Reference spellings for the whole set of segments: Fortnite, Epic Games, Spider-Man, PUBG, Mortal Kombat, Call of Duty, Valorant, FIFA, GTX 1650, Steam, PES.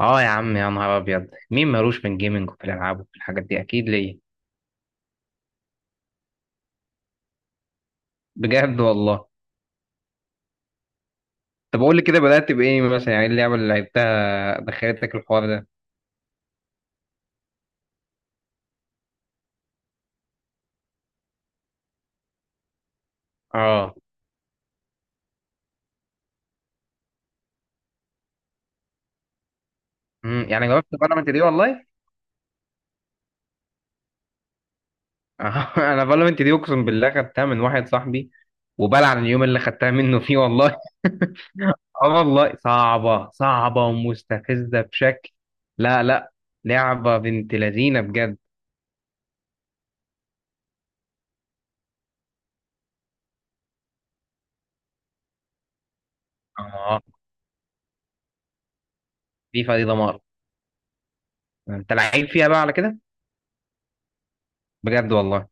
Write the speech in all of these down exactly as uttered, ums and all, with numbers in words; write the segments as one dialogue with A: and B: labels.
A: اه يا عم، يا نهار ابيض! مين مالوش في الجيمنج وفي الالعاب وفي الحاجات دي؟ اكيد ليه. بجد والله؟ طب قول لي كده، بدات بايه مثلا؟ يعني إيه اللعبه اللي لعبتها دخلتك الحوار ده؟ اه. امم يعني جربت فالورنت دي والله. آه، انا فالورنت دي اقسم بالله خدتها من واحد صاحبي، وبلعن اليوم اللي خدتها منه فيه والله. اه والله، صعبه صعبه ومستفزه بشكل. لا لا، لعبه بنت لذينه بجد. اه، فيفا دي دمار. انت لعيب فيها بقى على كده؟ بجد والله.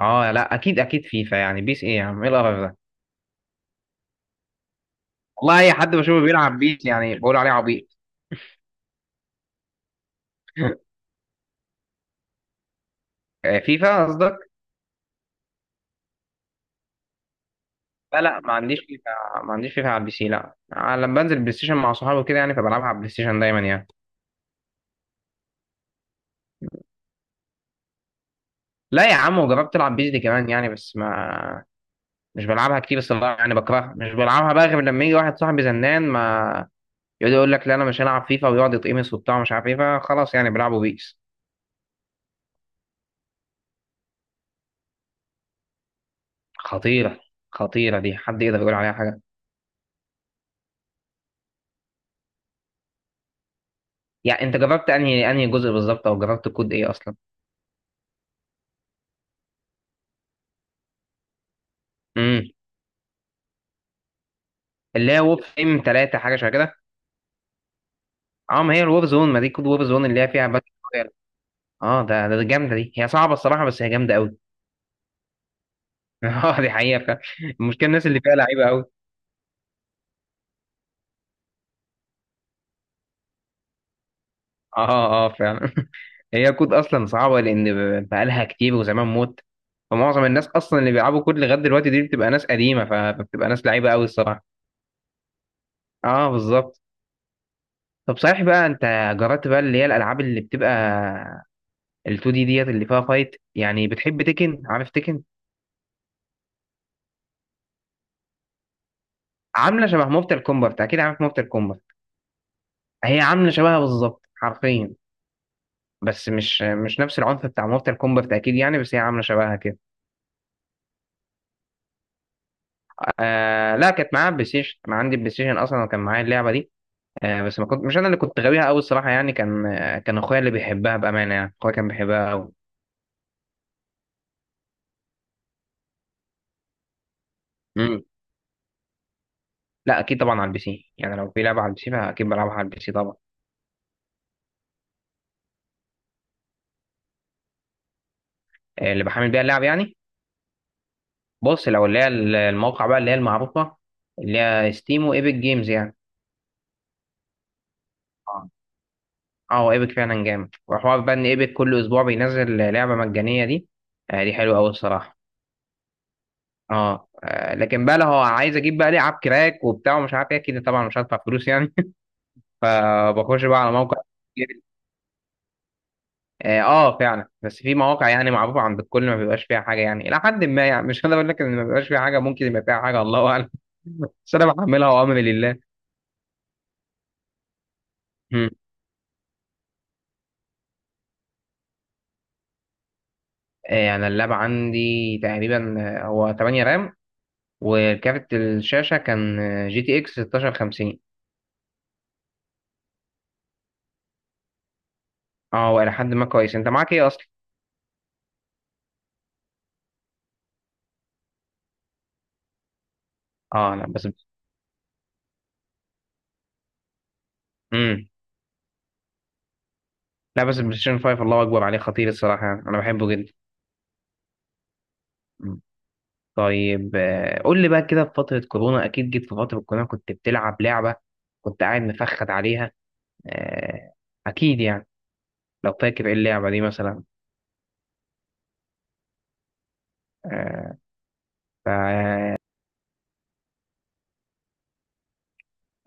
A: اه لا، اكيد اكيد فيفا. يعني بيس؟ ايه يا عم، ايه القرف ده؟ والله، اي حد بشوفه بيلعب بيس يعني بقول عليه عبيط. آه، فيفا قصدك. لا لا، ما عنديش فيفا. ما عنديش فيفا على البي سي، لا. آه، لما بنزل بلاي ستيشن مع صحابي كده يعني، فبلعبها على البلاي ستيشن دايما يعني. لا يا عم، وجربت العب بيس دي كمان يعني، بس ما مش بلعبها كتير. بس والله يعني بكرهها، مش بلعبها بقى غير لما يجي واحد صاحبي زنان ما يقعد يقول لك لا انا مش هلعب فيفا، ويقعد يتقمص وبتاع مش عارف ايه، فخلاص يعني بلعبوا بيس. خطيره. خطيره دي، حد يقدر يقول عليها حاجه؟ يعني انت جربت انهي انهي جزء بالظبط، او جربت كود ايه اصلا؟ امم. اللي هي وور فريم ثلاثة حاجه شبه كده. اه، ما هي الوور زون، ما دي كود وور زون اللي هي فيها باتل رويال. اه، ده ده جامده دي، هي صعبه الصراحه بس هي جامده قوي. اه دي حقيقه فعلا. المشكله الناس اللي فيها لعيبه قوي. اه اه فعلا. هي كود اصلا صعبه، لان ب- بقالها كتير وزمان موت. فمعظم الناس اصلا اللي بيلعبوا كود لغايه دلوقتي دي بتبقى ناس قديمه، ف- فبتبقى ناس لعيبه قوي الصراحه. اه بالظبط. طب صحيح بقى، انت جربت بقى اللي هي الالعاب اللي بتبقى ال اتنين دي ديت اللي فيها فايت، يعني بتحب تكن، عارف تكن؟ عامله شبه مورتال كومبات، اكيد عارف مورتال كومبات. هي عامله شبهها بالظبط حرفيا، بس مش مش نفس العنف بتاع مورتال كومبات اكيد يعني، بس هي عامله شبهها كده. آه لا، كانت معايا بلاي ستيشن، انا عندي بلاي ستيشن اصلا وكان معايا اللعبه دي. آه بس ما كنت، مش انا اللي كنت غاويها قوي الصراحه يعني، كان آه كان اخويا اللي بيحبها بامانه يعني، اخويا كان بيحبها قوي. مم. لا، اكيد طبعا على البي سي يعني، لو في لعبه على البي سي فاكيد بلعبها على البي سي طبعا. آه اللي بحمل بيها اللعب يعني، بص، لو اللي هي الموقع بقى اللي هي المعروفه، اللي هي ستيم وايبك جيمز يعني. اه اه، ايبك فعلا جامد، وحوار بقى ان ايبك كل اسبوع بينزل لعبه مجانيه دي. آه دي حلوه قوي الصراحه. اه آه، لكن بقى لو هو عايز اجيب بقى لعب كراك وبتاع ومش عارف ايه كده، طبعا مش هدفع فلوس يعني. فبخش بقى على موقع. اه آه، فعلا، بس في مواقع يعني معروفه عند الكل ما بيبقاش فيها حاجه يعني الى حد ما، يعني مش هقدر اقول لك ان ما بيبقاش فيها حاجه، ممكن يبقى فيها حاجه الله اعلم. بس انا بحملها وامري لله. آه، انا اللاب عندي تقريبا، آه، هو ثمانية رام، وكارت الشاشه كان آه، جي تي اكس ستاشر خمسين. اه والى حد ما كويس. انت معاك ايه اصلا؟ اه لا بس. امم. لا بس البلاي ستيشن خمسة الله اكبر عليه، خطير الصراحه يعني. انا بحبه جدا. مم. طيب آه، قول لي بقى كده، في فتره كورونا اكيد جيت، في فتره كورونا كنت بتلعب لعبه كنت قاعد مفخد عليها. آه، اكيد يعني، لو فاكر ايه اللعبه دي مثلا.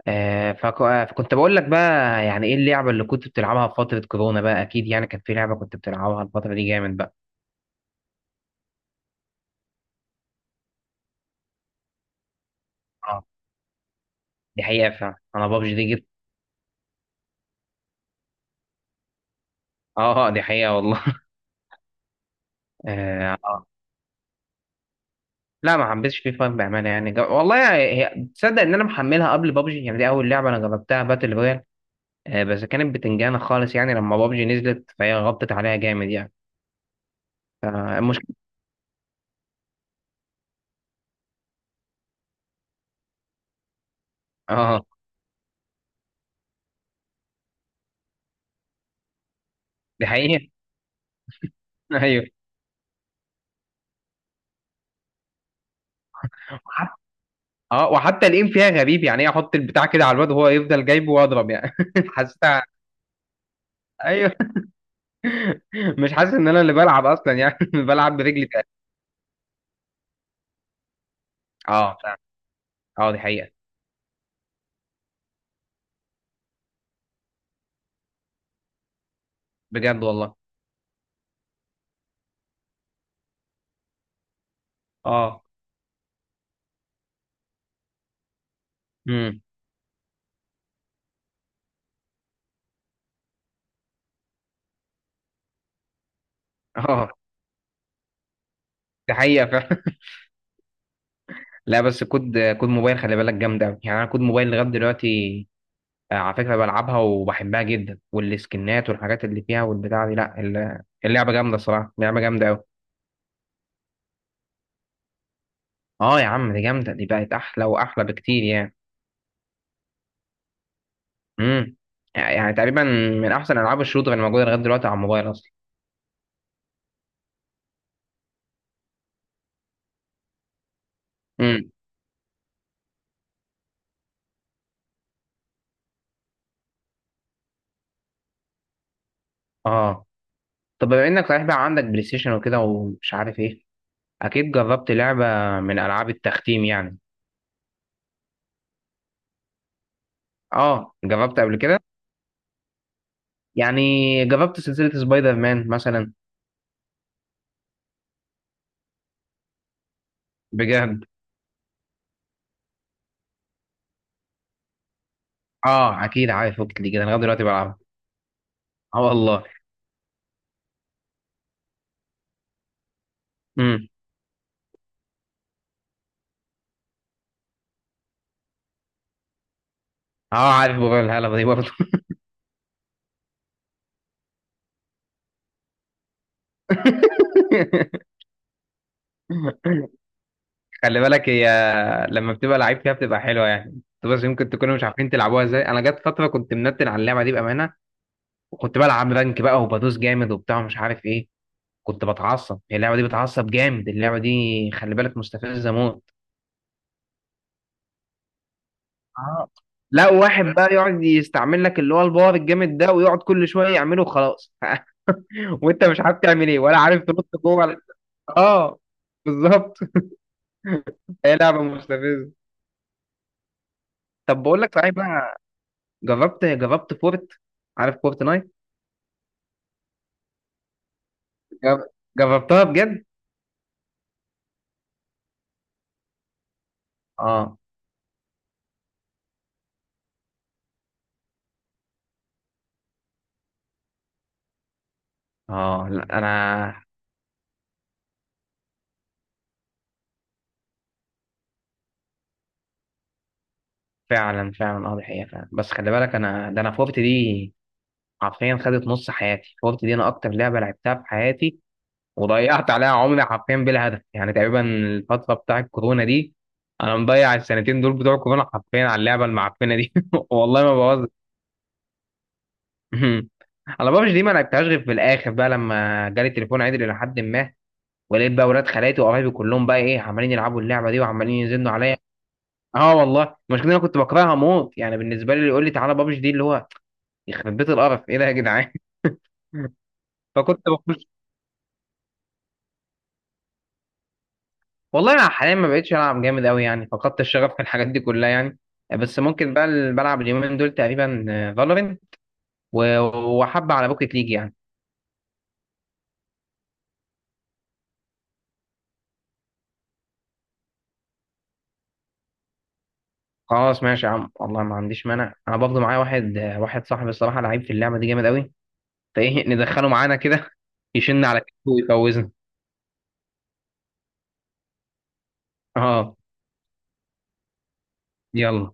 A: آه، فك- آه، فكنت بقول لك بقى، يعني ايه اللعبة اللي كنت بتلعبها في فترة كورونا بقى؟ اكيد يعني كان في لعبة كنت بتلعبها الفترة دي جامد بقى. اه دي حقيقة فعلا، انا بابجي دي جبت. اه آه، دي حقيقة والله. اه آه. لا، ما حبيتش فيه فرق بأمانة يعني، جا- والله، هي تصدق ان انا محملها قبل بابجي؟ يعني دي اول لعبة انا جربتها باتل رويال. آه، بس كانت بتنجانة خالص يعني، لما بابجي نزلت فهي غطت عليها جامد يعني. فالمشكلة. اه دي حقيقة. ايوه. اه، وحتى الايم فيها غريب يعني، ايه، احط البتاع كده على الواد وهو يفضل جايبه واضرب يعني حسيتها. ايوه. مش حاسس ان انا اللي بلعب اصلا يعني بلعب برجلي تقريبا. اه فعلا. اه دي حقيقة. بجد والله. اه. امم. اه دي حقيقة فعلا. لا بس كود، كود موبايل خلي بالك جامد قوي يعني، انا كود موبايل لغاية دلوقتي آه، على فكرة بلعبها وبحبها جدا، والسكنات والحاجات اللي فيها والبتاع دي، لا، ال- اللعبة جامدة الصراحة، لعبة جامدة قوي. اه يا عم، دي جامدة، دي بقت احلى واحلى بكتير يعني. امم، يعني تقريبا من احسن العاب الشوتر اللي موجوده لغايه دلوقتي على الموبايل اصلا. امم. اه. طب بما انك صحيح بقى عندك بلاي ستيشن وكده ومش عارف ايه، اكيد جربت لعبه من العاب التختيم يعني. اه، جربت قبل كده؟ يعني جربت سلسله سبايدر مان مثلا. بجد. اه اكيد عارف، وقت دي كده، أنا لغايه دلوقتي بلعبها. اه والله. امم. اه عارف، بقول الهلا دي برضه. خلي بالك، هي لما بتبقى لعيب فيها بتبقى حلوه يعني، انتوا بس يمكن تكونوا مش عارفين تلعبوها ازاي. انا جت فتره كنت منتن على اللعبه دي بامانه، وكنت بلعب رانك بقى وبدوس جامد وبتاع مش عارف ايه. كنت بتعصب، هي اللعبه دي بتعصب جامد اللعبه دي، خلي بالك مستفزه موت. اه، لا، واحد بقى يقعد يستعمل لك اللي هو الباور الجامد ده، ويقعد كل شويه يعمله خلاص. وانت مش عارف تعمل ايه، ولا عارف تنط جوه ال- اه بالظبط. هي لعبه مستفزه. طب بقول لك صحيح بقى، جربت جربت فورت عارف فورت نايت؟ جر- جربتها بجد. اه. اه لا انا. فعلا فعلا. اه دي حقيقة فعلا، بس خلي بالك، انا ده، انا فورت دي حرفيا خدت نص حياتي، فورت دي انا اكتر لعبة لعبتها في حياتي. وضيعت عليها عمري حرفيا بلا هدف يعني، تقريبا الفترة بتاع الكورونا دي، انا مضيع السنتين دول بتوع الكورونا حرفيا على اللعبة المعفنة دي والله ما بهزر. انا بابجي دي ما لعبتهاش غير في الاخر بقى لما جالي تليفون عدل الى حد ما، ولقيت بقى ولاد خالاتي وقرايبي كلهم بقى ايه عمالين يلعبوا اللعبه دي وعمالين يزنوا عليا. اه والله. المشكله إن انا كنت بكرهها موت يعني، بالنسبه لي اللي يقول لي تعالى بابجي دي اللي هو يخرب بيت، القرف ايه ده يا جدعان. فكنت بخش. والله انا حاليا ما بقتش العب جامد قوي يعني، فقدت الشغف في الحاجات دي كلها يعني، بس ممكن بقى اللي بلعب اليومين دول تقريبا فالورنت، وحبه على بوكيت ليج يعني. خلاص ماشي يا عم، والله ما عنديش مانع. انا برضه معايا واحد، آه، واحد صاحبي الصراحه لعيب في اللعبه دي جامد قوي، فايه ندخله معانا كده يشن على كتفه ويفوزنا. اه يلا.